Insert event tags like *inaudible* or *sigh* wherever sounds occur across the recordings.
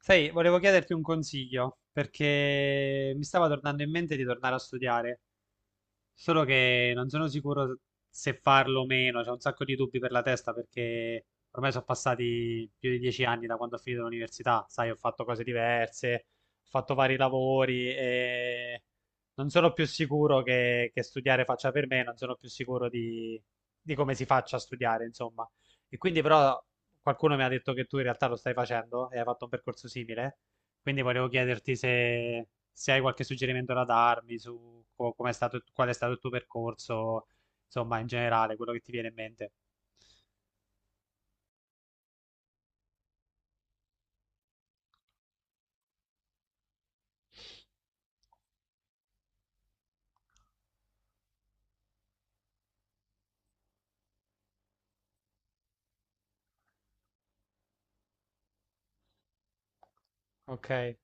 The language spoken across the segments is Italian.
Sai, volevo chiederti un consiglio perché mi stava tornando in mente di tornare a studiare. Solo che non sono sicuro se farlo o meno, c'ho un sacco di dubbi per la testa perché ormai sono passati più di 10 anni da quando ho finito l'università, sai, ho fatto cose diverse, ho fatto vari lavori e non sono più sicuro che studiare faccia per me, non sono più sicuro di come si faccia a studiare, insomma. E quindi però qualcuno mi ha detto che tu in realtà lo stai facendo e hai fatto un percorso simile, quindi volevo chiederti se hai qualche suggerimento da darmi su com'è stato, qual è stato il tuo percorso, insomma, in generale, quello che ti viene in mente. Ok.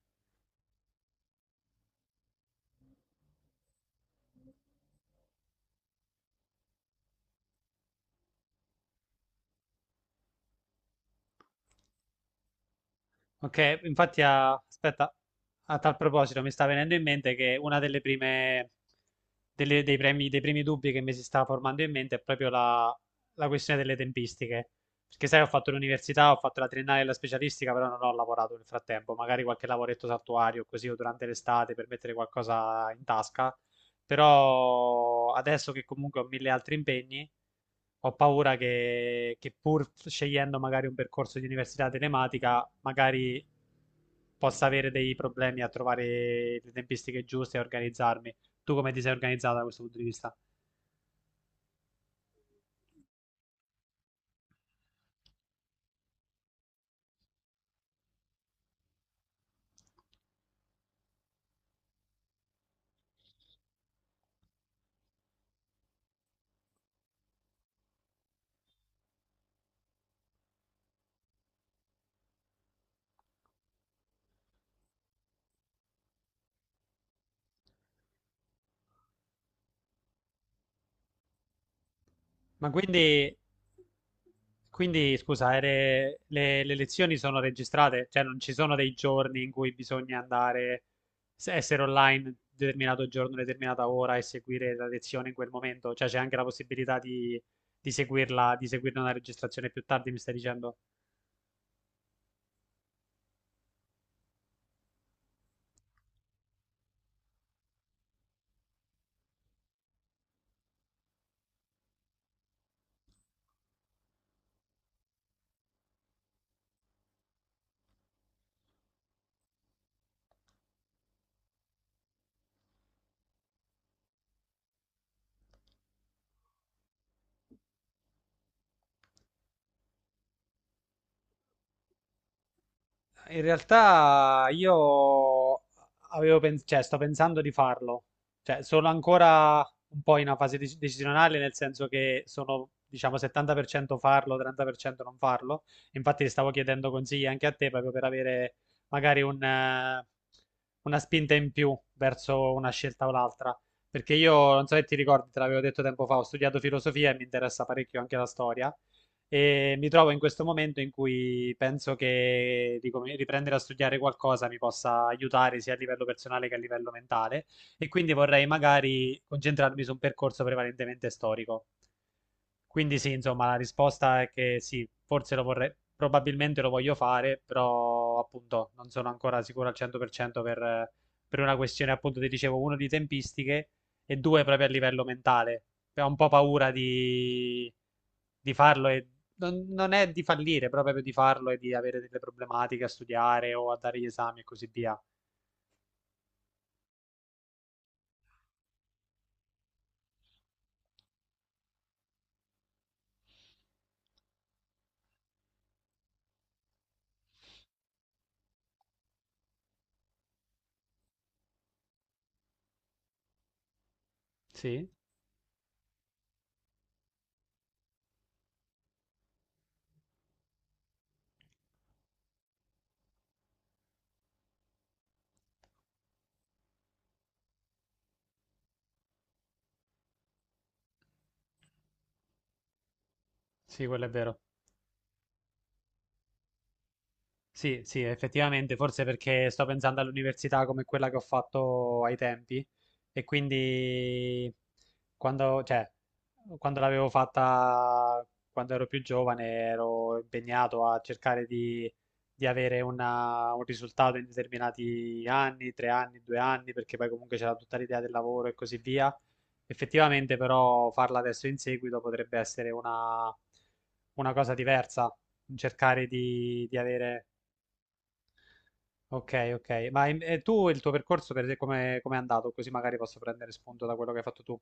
Ok, infatti aspetta, a tal proposito mi sta venendo in mente che una delle prime, delle- dei premi- dei primi dubbi che mi si sta formando in mente è proprio la questione delle tempistiche. Perché sai, ho fatto l'università, ho fatto la triennale e la specialistica, però non ho lavorato nel frattempo, magari qualche lavoretto saltuario così o durante l'estate per mettere qualcosa in tasca, però adesso che comunque ho mille altri impegni, ho paura che pur scegliendo magari un percorso di università telematica, magari possa avere dei problemi a trovare le tempistiche giuste e organizzarmi. Tu come ti sei organizzata da questo punto di vista? Ma quindi, quindi scusa, le lezioni sono registrate? Cioè non ci sono dei giorni in cui bisogna andare, essere online determinato giorno, determinata ora e seguire la lezione in quel momento? Cioè c'è anche la possibilità di seguirla, di seguirne una registrazione più tardi, mi stai dicendo? In realtà io cioè, sto pensando di farlo, cioè, sono ancora un po' in una fase decisionale, nel senso che sono, diciamo, 70% farlo, 30% non farlo. Infatti, stavo chiedendo consigli anche a te proprio per avere magari un, una spinta in più verso una scelta o l'altra. Perché io non so se ti ricordi, te l'avevo detto tempo fa, ho studiato filosofia e mi interessa parecchio anche la storia. E mi trovo in questo momento in cui penso che riprendere a studiare qualcosa mi possa aiutare sia a livello personale che a livello mentale, e quindi vorrei magari concentrarmi su un percorso prevalentemente storico. Quindi sì, insomma, la risposta è che sì, forse lo vorrei, probabilmente lo voglio fare, però appunto non sono ancora sicuro al 100% per una questione appunto, ti dicevo, uno di tempistiche e due proprio a livello mentale. Ho un po' paura di farlo e non è di fallire, però proprio di farlo e di avere delle problematiche a studiare o a dare gli esami e così via. Sì, sì, quello è vero. Sì, sì, effettivamente, forse perché sto pensando all'università come quella che ho fatto ai tempi e quindi quando, cioè, quando l'avevo fatta, quando ero più giovane, ero impegnato a cercare di avere un risultato in determinati anni, tre anni, due anni, perché poi comunque c'era tutta l'idea del lavoro e così via. Effettivamente, però, farla adesso in seguito potrebbe essere una cosa diversa, cercare di avere. Ok, ok. Ma e tu il tuo percorso per te come come è andato? Così magari posso prendere spunto da quello che hai fatto tu.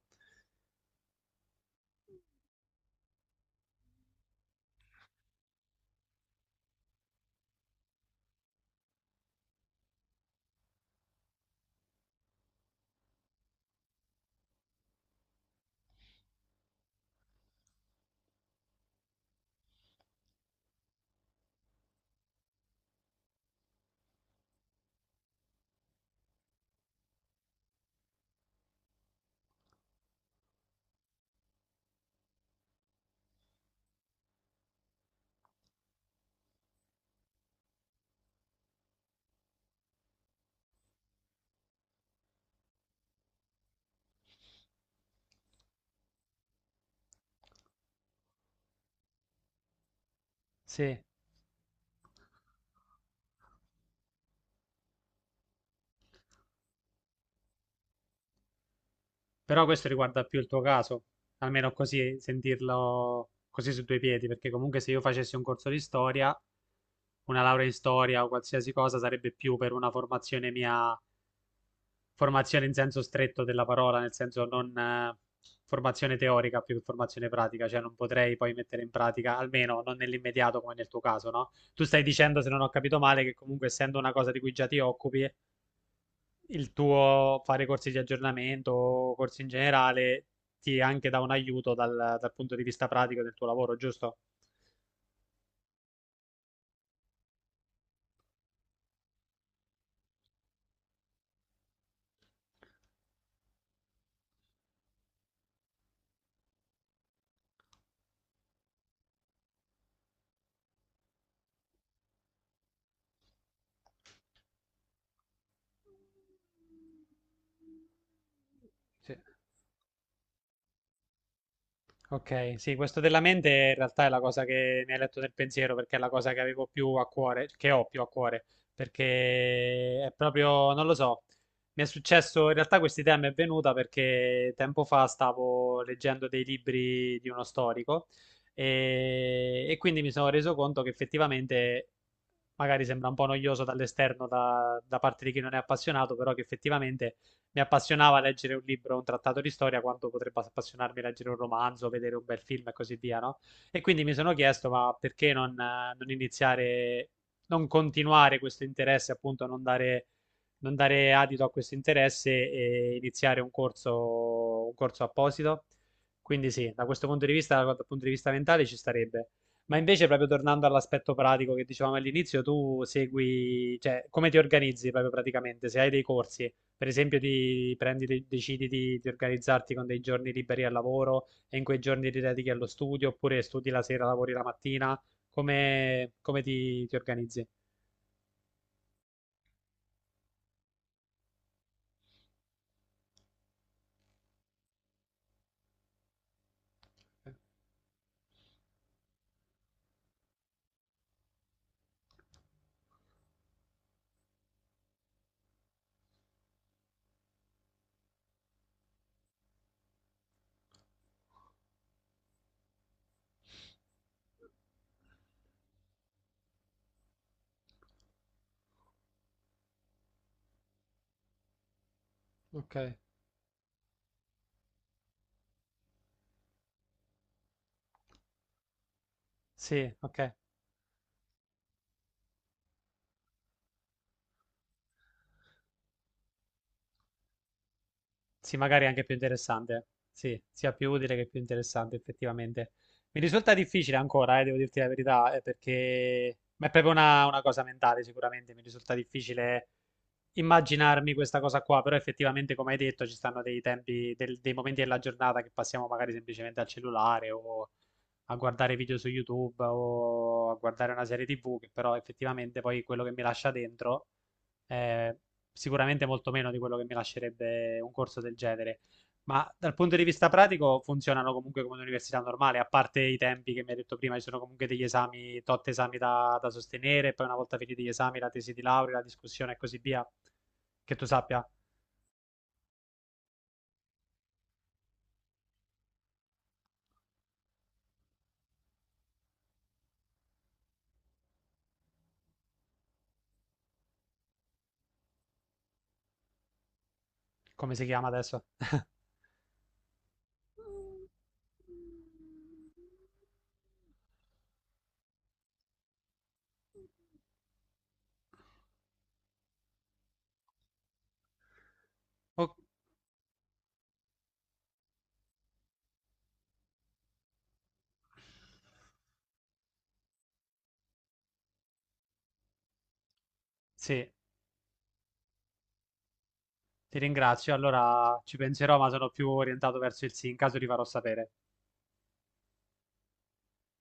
Sì, però questo riguarda più il tuo caso, almeno così sentirlo così su due piedi, perché comunque se io facessi un corso di storia, una laurea in storia o qualsiasi cosa sarebbe più per una formazione mia. Formazione in senso stretto della parola, nel senso non formazione teorica più che formazione pratica, cioè non potrei poi mettere in pratica, almeno non nell'immediato come nel tuo caso, no? Tu stai dicendo, se non ho capito male, che comunque essendo una cosa di cui già ti occupi, il tuo fare corsi di aggiornamento o corsi in generale ti anche dà un aiuto dal punto di vista pratico del tuo lavoro, giusto? Sì. Ok, sì, questo della mente in realtà è la cosa che mi hai letto nel pensiero perché è la cosa che avevo più a cuore, che ho più a cuore, perché è proprio, non lo so, mi è successo, in realtà questa idea mi è venuta perché tempo fa stavo leggendo dei libri di uno storico e quindi mi sono reso conto che effettivamente, magari sembra un po' noioso dall'esterno da parte di chi non è appassionato, però che effettivamente mi appassionava leggere un libro, un trattato di storia, quanto potrebbe appassionarmi leggere un romanzo, vedere un bel film e così via, no? E quindi mi sono chiesto, ma perché non, non iniziare, non continuare questo interesse, appunto, non dare adito a questo interesse e iniziare un corso apposito? Quindi sì, da questo punto di vista, dal punto di vista mentale ci starebbe. Ma invece, proprio tornando all'aspetto pratico che dicevamo all'inizio, tu segui, cioè, come ti organizzi proprio praticamente? Se hai dei corsi, per esempio, ti prendi, decidi di organizzarti con dei giorni liberi al lavoro e in quei giorni ti dedichi allo studio, oppure studi la sera, lavori la mattina, come, come ti organizzi? Eh. Ok, sì, ok. Sì, magari è anche più interessante. Sì, sia più utile che più interessante, effettivamente. Mi risulta difficile ancora, devo dirti la verità, perché ma è proprio una cosa mentale, sicuramente. Mi risulta difficile immaginarmi questa cosa qua, però effettivamente, come hai detto, ci stanno dei tempi, dei momenti della giornata che passiamo magari semplicemente al cellulare o a guardare video su YouTube o a guardare una serie TV, che però effettivamente poi quello che mi lascia dentro eh, sicuramente molto meno di quello che mi lascerebbe un corso del genere. Ma dal punto di vista pratico funzionano comunque come un'università normale, a parte i tempi che mi hai detto prima, ci sono comunque degli esami, tot esami da sostenere, poi una volta finiti gli esami, la tesi di laurea, la discussione e così via. Che tu sappia come si chiama adesso. *laughs* O-. Sì, ti ringrazio. Allora ci penserò, ma sono più orientato verso il sì. In caso ti farò sapere.